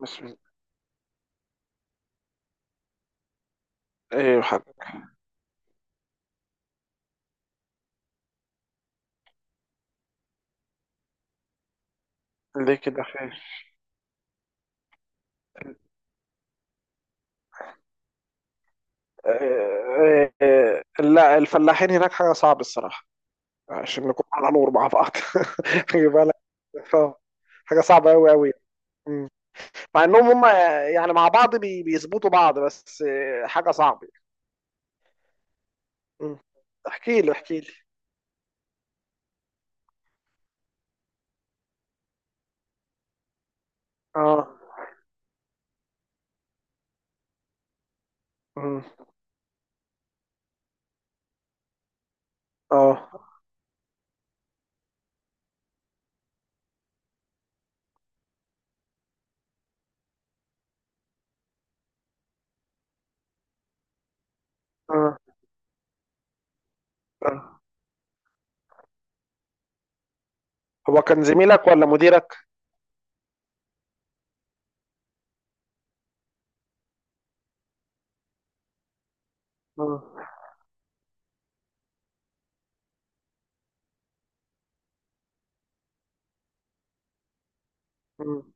بسم الله. ايوه، حاجة؟ ليه كده، خير؟ آه، آه، لا، الفلاحين هناك حاجة صعبة الصراحة. عشان نكون على نور مع بعض. خلي بالك. آه، حاجة صعبة أوي أوي. مم. مع إنهم هم يعني مع بعض بيظبطوا بعض، بس حاجة صعبة. مم. احكي لي، احكي لي. اه. مم. اه، اه. آه. هو كان زميلك ولا مديرك؟ مم. مم.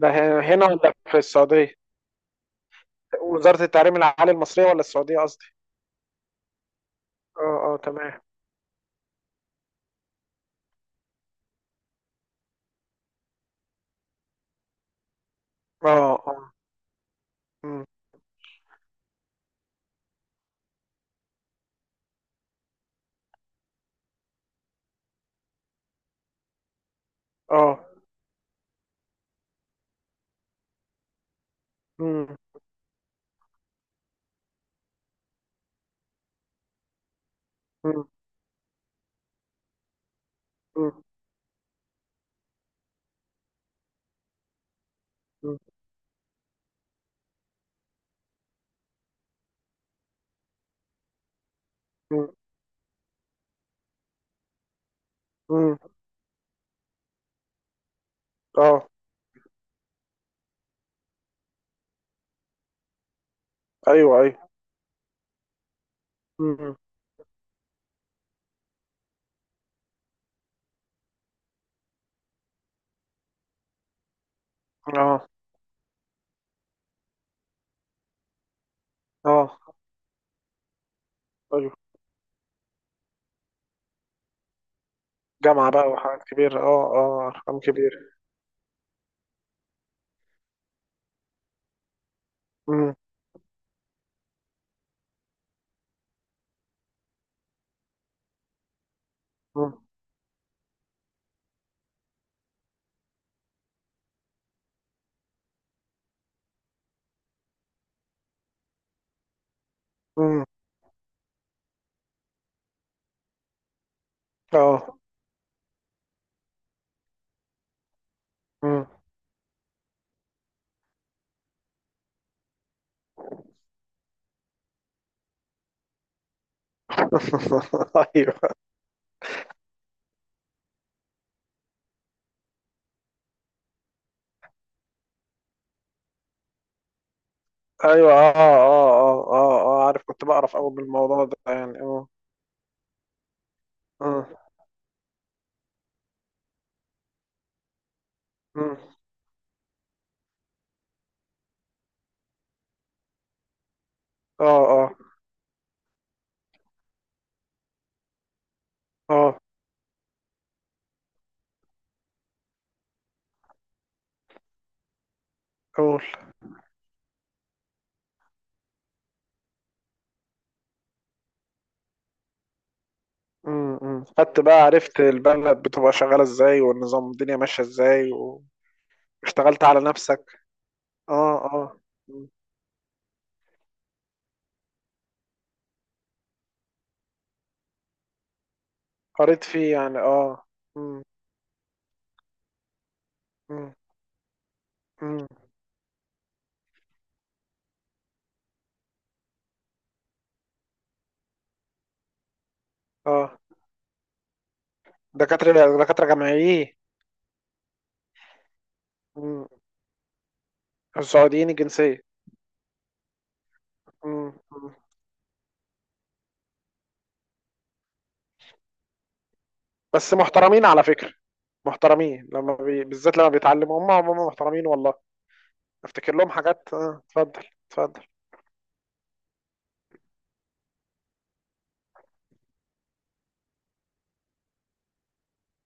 ده هنا ولا في السعودية؟ وزارة التعليم العالي المصرية ولا السعودية؟ اه، اه، تمام. اه، اه. مم. اه. مم. مم. مم. مم. مم. مم. اه. ايوه، ايوه. مم. اه، اه. ايوه، جامعة بقى وحاجات كبيرة، اه، اه، ارقام كبيرة. مم. مم. مم. اه. مم. ايوه، ايوه. اه، اه، اه، اه، اه، عارف، كنت بعرف قوي بالموضوع ده يعني، اه. اه. مم. اه، اه، اه، قول. مم. مم. خدت بقى، عرفت البلد بتبقى شغالة ازاي والنظام الدنيا ماشية ازاي و اشتغلت على نفسك. اه، اه. مم. قريت فيه يعني، اه. مم. مم. مم. اه. دكاترة، دكاترة جامعيين. مم. السعوديين الجنسية؟ مم. مم. بس محترمين على فكرة. محترمين لما بالذات لما بيتعلموا هم محترمين والله. افتكر لهم حاجات، اه، اتفضل. اتفضل.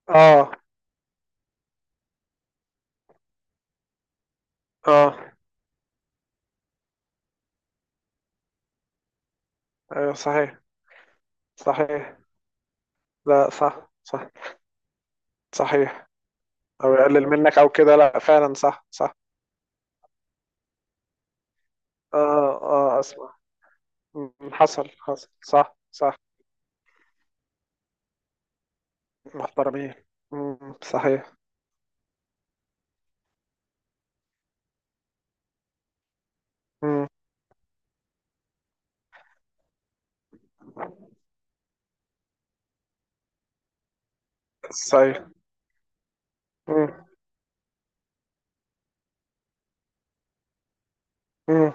اه، اه. ايوه، صحيح. صحيح. لا، صح، صح. صحيح. او يقلل منك او كده، لا، فعلا صح، صح. اه، اه، اسمع. مم. حصل، حصل، صح، صح. محترمين. مم. صحيح. مم. صحيح. مم. مم.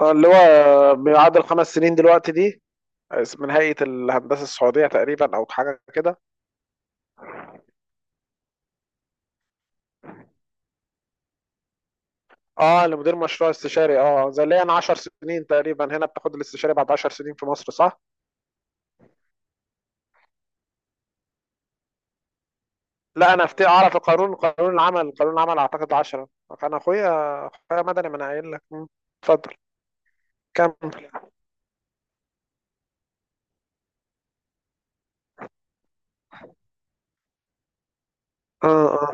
اللي هو بيعادل خمس سنين دلوقتي دي. من هيئة الهندسة السعودية تقريبا أو حاجة كده. اه، لمدير مشروع استشاري، اه، زي اللي انا 10 سنين تقريبا هنا بتاخد الاستشاري بعد 10 سنين في مصر، صح؟ لا، انا افتي، اعرف القانون، قانون العمل، قانون العمل اعتقد 10. كان اخويا، اخويا مدني، ما انا قايل لك. مم. اتفضل. كمل. اه، اه،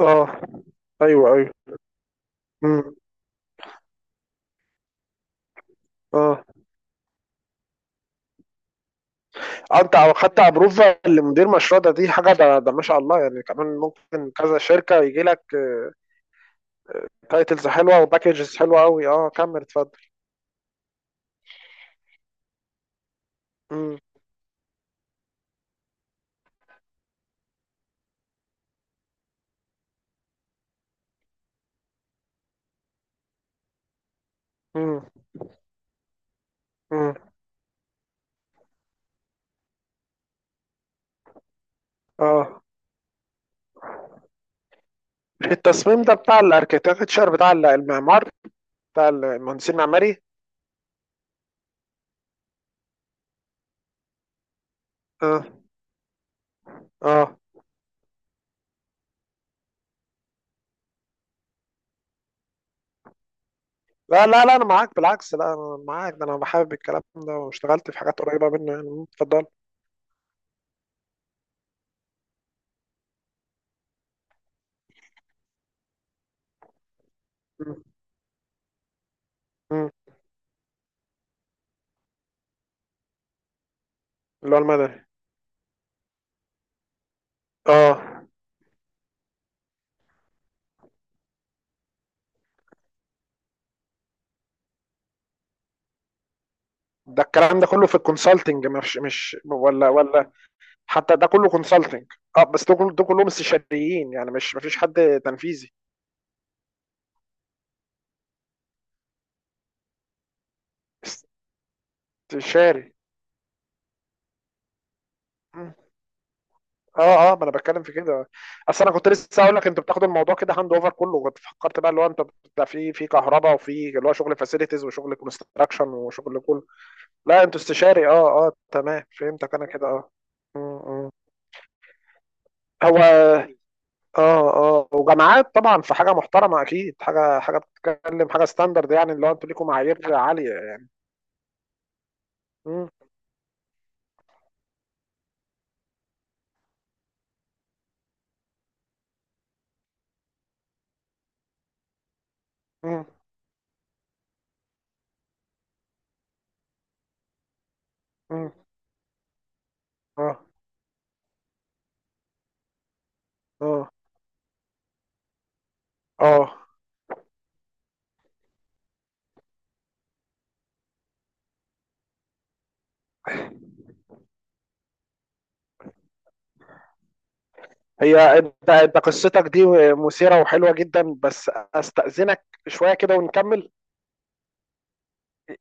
اه. ايوه، ايوه. مم. اه. انت او حتى ابروفا لمدير مشروع ده، دي حاجه، ده ما شاء الله، يعني كمان ممكن كذا شركه يجي لك. تايتلز حلوه وباكجز حلوه قوي، اه، كمل، اتفضل. امم. امم. امم. اه. التصميم ده بتاع الاركيتكتشر بتاع المعمار. بتاع المهندسين المعماري. اه، اه، لا، لا، لا، انا معاك، بالعكس، لا انا معاك، ده انا بحب الكلام ده واشتغلت في حاجات قريبه منه يعني، اتفضل. مم. مم. اللي هو المدني. اه، ده الكلام ده كله في الكونسلتنج، مش ولا. حتى ده كله كونسلتنج. اه، بس ده كله، ده كلهم استشاريين يعني، مش مفيش حد تنفيذي. استشاري. مم. اه، اه، ما انا بتكلم في كده. اصل انا كنت لسه هقول لك انتوا بتاخدوا الموضوع كده هاند اوفر كله، كنت فكرت بقى اللي هو انت بتاع في كهرباء وفي اللي هو شغل فاسيلتيز وشغل كونستراكشن وشغل كله. لا، انتوا استشاري، اه، اه، تمام، فهمتك انا كده، اه. مم. مم. هو. اه، اه، وجامعات طبعا في حاجه محترمه اكيد، حاجه، حاجه بتتكلم حاجه ستاندرد يعني، اللي هو انتوا ليكم معايير عاليه يعني. مم. مم. مم. اه، اه، اه، هي انت قصتك دي مثيرة وحلوة جدا، بس استأذنك شوية كده ونكمل.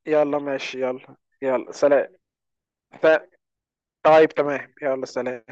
يلا، ماشي، يلا. يلا، سلام. ف- طيب، تمام، يلا، سلام.